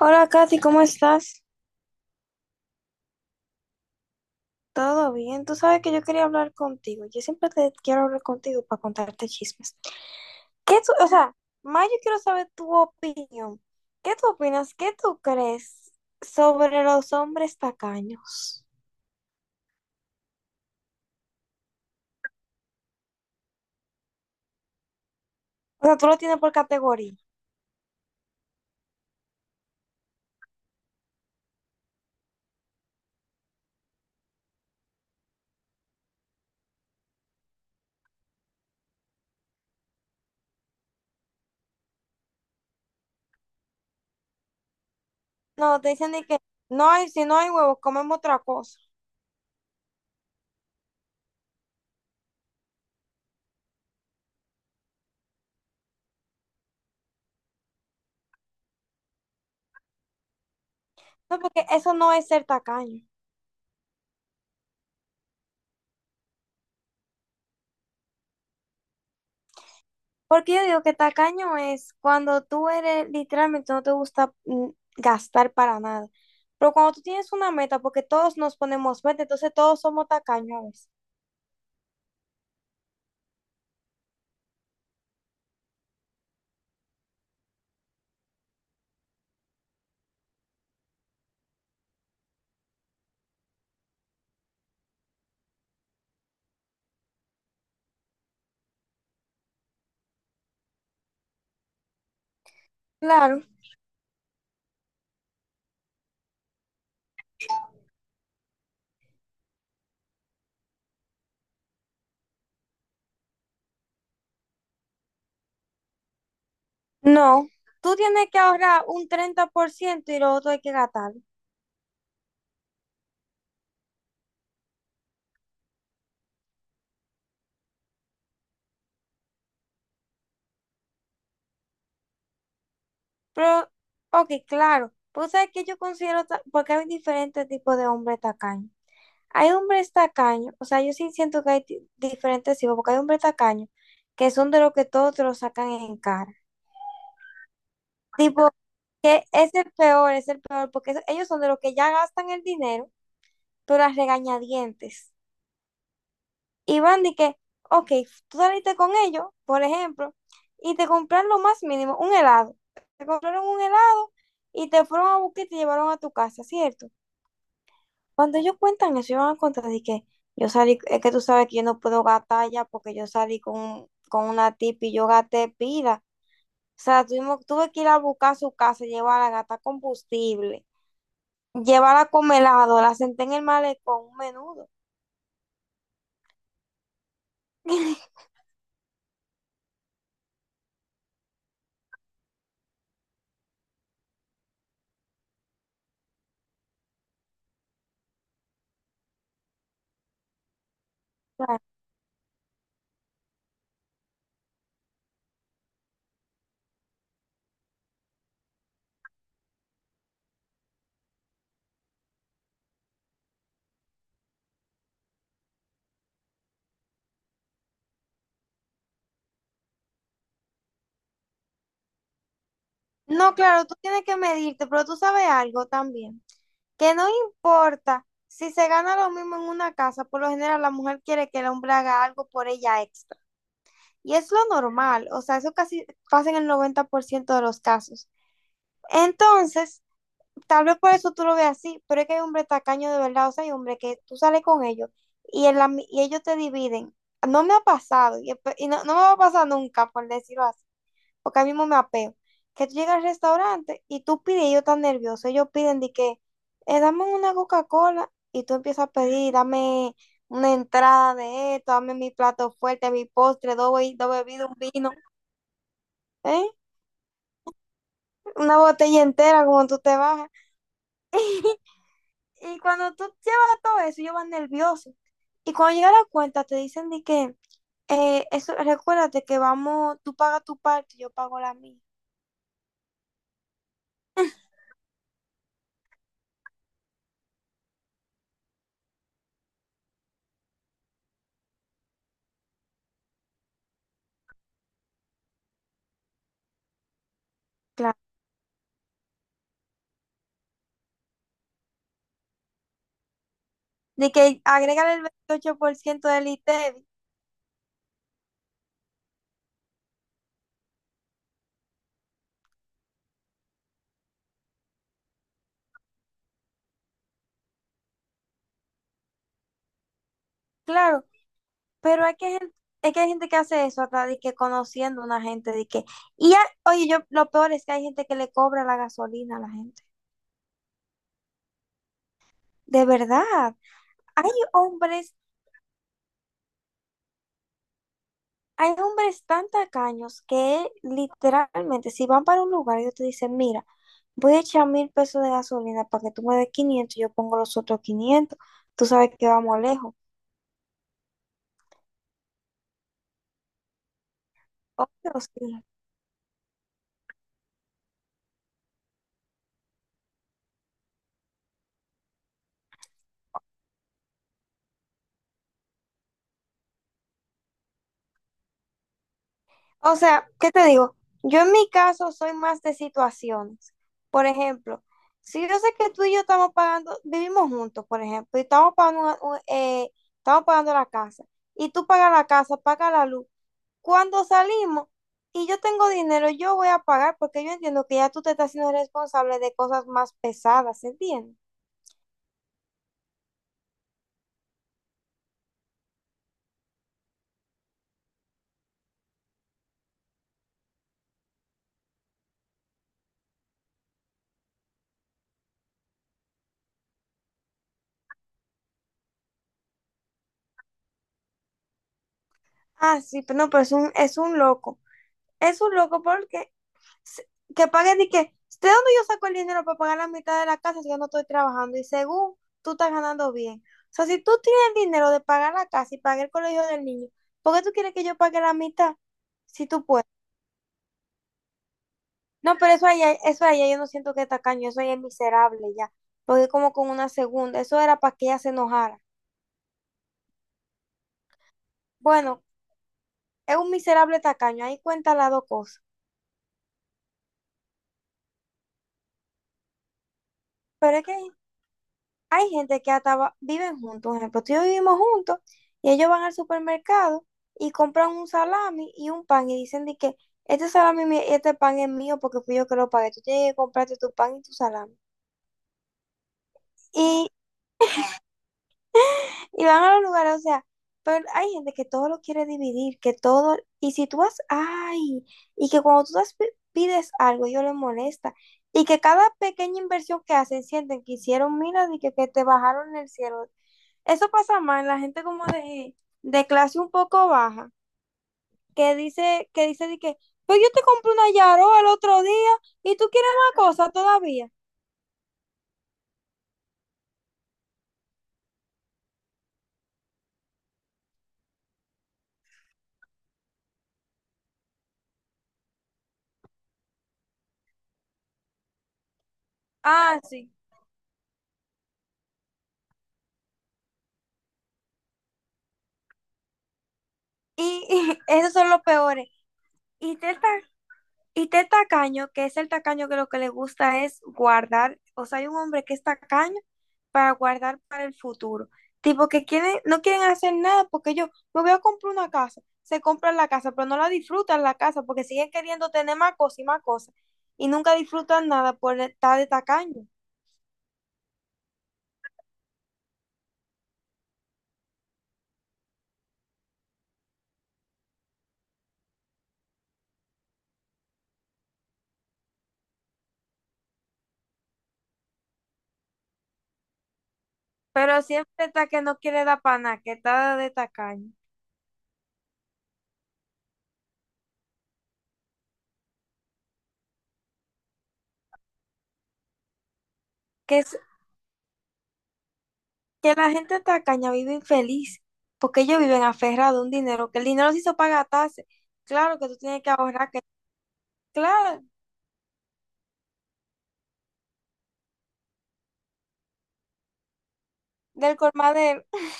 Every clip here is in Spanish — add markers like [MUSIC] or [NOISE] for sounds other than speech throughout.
Hola, Katy, ¿cómo estás? ¿Todo bien? Tú sabes que yo quería hablar contigo. Yo siempre te quiero hablar contigo para contarte chismes. ¿Qué tú, o sea, más yo quiero saber tu opinión. ¿Qué tú opinas? ¿Qué tú crees sobre los hombres tacaños? O sea, tú lo tienes por categoría. No, te dicen de que no hay, si no hay huevos, comemos otra cosa. No, porque eso no es ser tacaño. Porque yo digo que tacaño es cuando tú eres, literalmente no te gusta gastar para nada. Pero cuando tú tienes una meta, porque todos nos ponemos meta, entonces todos somos tacaños, a veces. Claro, no. Tú tienes que ahorrar un 30% y lo otro hay que gastarlo. Pero, ok, claro. Pues sabes que yo considero, porque hay diferentes tipos de hombres tacaños. Hay hombres tacaños, o sea, yo sí siento que hay diferentes tipos, porque hay hombres tacaños que son de los que todos te lo sacan en cara. Tipo, que es el peor, porque eso- ellos son de los que ya gastan el dinero, pero a regañadientes. Y van de que, ok, tú saliste con ellos, por ejemplo, y te compraron lo más mínimo, un helado. Te compraron un helado y te fueron a buscar y te llevaron a tu casa, ¿cierto? Cuando ellos cuentan eso, ellos van a contar de que yo salí, es que tú sabes que yo no puedo gastar ya porque yo salí con una tipa y yo gasté pila. O sea, tuvimos, tuve que ir a buscar a su casa, llevarla, gastar combustible. Lleva la congelado, la senté en el malecón, un menudo. [LAUGHS] Claro. No, claro, tú tienes que medirte, pero tú sabes algo también, que no importa si se gana lo mismo en una casa, por lo general la mujer quiere que el hombre haga algo por ella extra. Y es lo normal, o sea, eso casi pasa en el 90% de los casos. Entonces, tal vez por eso tú lo veas así, pero es que hay hombres tacaños de verdad, o sea, hay hombres que tú sales con ellos y, en la y ellos te dividen. No me ha pasado y, y no, no me va a pasar nunca, por decirlo así, porque a mí mismo me apeo. Que tú llegas al restaurante y tú pides, y ellos están nerviosos, ellos piden de que, dame una Coca-Cola y tú empiezas a pedir, dame una entrada de esto, dame mi plato fuerte, mi postre, dos, dos bebidas, un vino, ¿eh? Una botella entera como tú te bajas. [LAUGHS] Y cuando tú llevas todo eso, ellos van nerviosos. Y cuando llega la cuenta, te dicen de que, eso, recuérdate que vamos, tú pagas tu parte, yo pago la mía. Claro. De que agrégale el 28% del ITEVI. Claro, pero hay que, es que hay gente que hace eso, hasta de que conociendo a una gente, de que, oye, yo, lo peor es que hay gente que le cobra la gasolina a la gente. De verdad. Hay hombres Hay hombres tan tacaños que literalmente, si van para un lugar, ellos te dicen, mira, voy a echar 1,000 pesos de gasolina para que tú me des 500, yo pongo los otros 500. Tú sabes que vamos lejos. Oh, Dios mío. O sea, ¿qué te digo? Yo en mi caso soy más de situaciones. Por ejemplo, si yo sé que tú y yo estamos pagando, vivimos juntos, por ejemplo, y estamos pagando, estamos pagando la casa, y tú pagas la casa, pagas la luz. Cuando salimos y yo tengo dinero, yo voy a pagar porque yo entiendo que ya tú te estás siendo responsable de cosas más pesadas, ¿entiendes? Ah, sí, pero no, pero es un loco. Es un loco porque que pague de que, ¿de dónde yo saco el dinero para pagar la mitad de la casa si yo no estoy trabajando? Y según tú estás ganando bien. O sea, si tú tienes el dinero de pagar la casa y pagar el colegio del niño, ¿por qué tú quieres que yo pague la mitad? Si tú puedes. No, pero eso allá yo no siento que es tacaño, eso allá es miserable ya. Porque es como con una segunda, eso era para que ella se enojara. Bueno, es un miserable tacaño, ahí cuenta las dos cosas. Pero es que hay gente que hasta viven juntos. Por ejemplo, tú y yo vivimos juntos y ellos van al supermercado y compran un salami y un pan y dicen de que este salami, este pan es mío porque fui yo que lo pagué. Tú tienes que comprarte tu pan y tu salami. Y, y van a los lugares, o sea, pero hay gente que todo lo quiere dividir, que todo, y si tú vas, ay, y que cuando tú pides algo, ellos les molesta. Y que cada pequeña inversión que hacen sienten que hicieron, mira, de que te bajaron el cielo. Eso pasa más en la gente como de clase un poco baja, que dice de que, pues yo te compré una Yaro el otro día y tú quieres la cosa todavía. Ah, sí. Y, [LAUGHS] esos son los peores. Y te están Y este tacaño, que es el tacaño que lo que le gusta es guardar, o sea, hay un hombre que es tacaño para guardar para el futuro. Tipo que quieren, no quieren hacer nada porque ellos, me voy a comprar una casa, se compran la casa, pero no la disfrutan la casa porque siguen queriendo tener más cosas. Y nunca disfrutan nada por estar de tacaño. Pero siempre está que no quiere dar para nada, que está de tacaño. Que que la gente tacaña vive infeliz, porque ellos viven aferrados a un dinero, que el dinero se hizo para gastarse. Claro que tú tienes que ahorrar, que claro, del colmadero. [LAUGHS]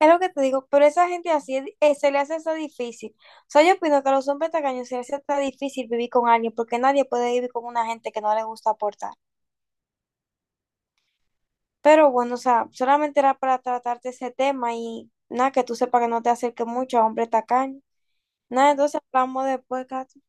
Es lo que te digo, pero esa gente así se le hace hasta difícil. O sea, yo opino que a los hombres tacaños se les hace hasta difícil vivir con alguien, porque nadie puede vivir con una gente que no le gusta aportar. Pero bueno, o sea, solamente era para tratarte ese tema y nada, que tú sepas que no te acerques mucho a hombres tacaños. Nada, entonces hablamos después, Katy.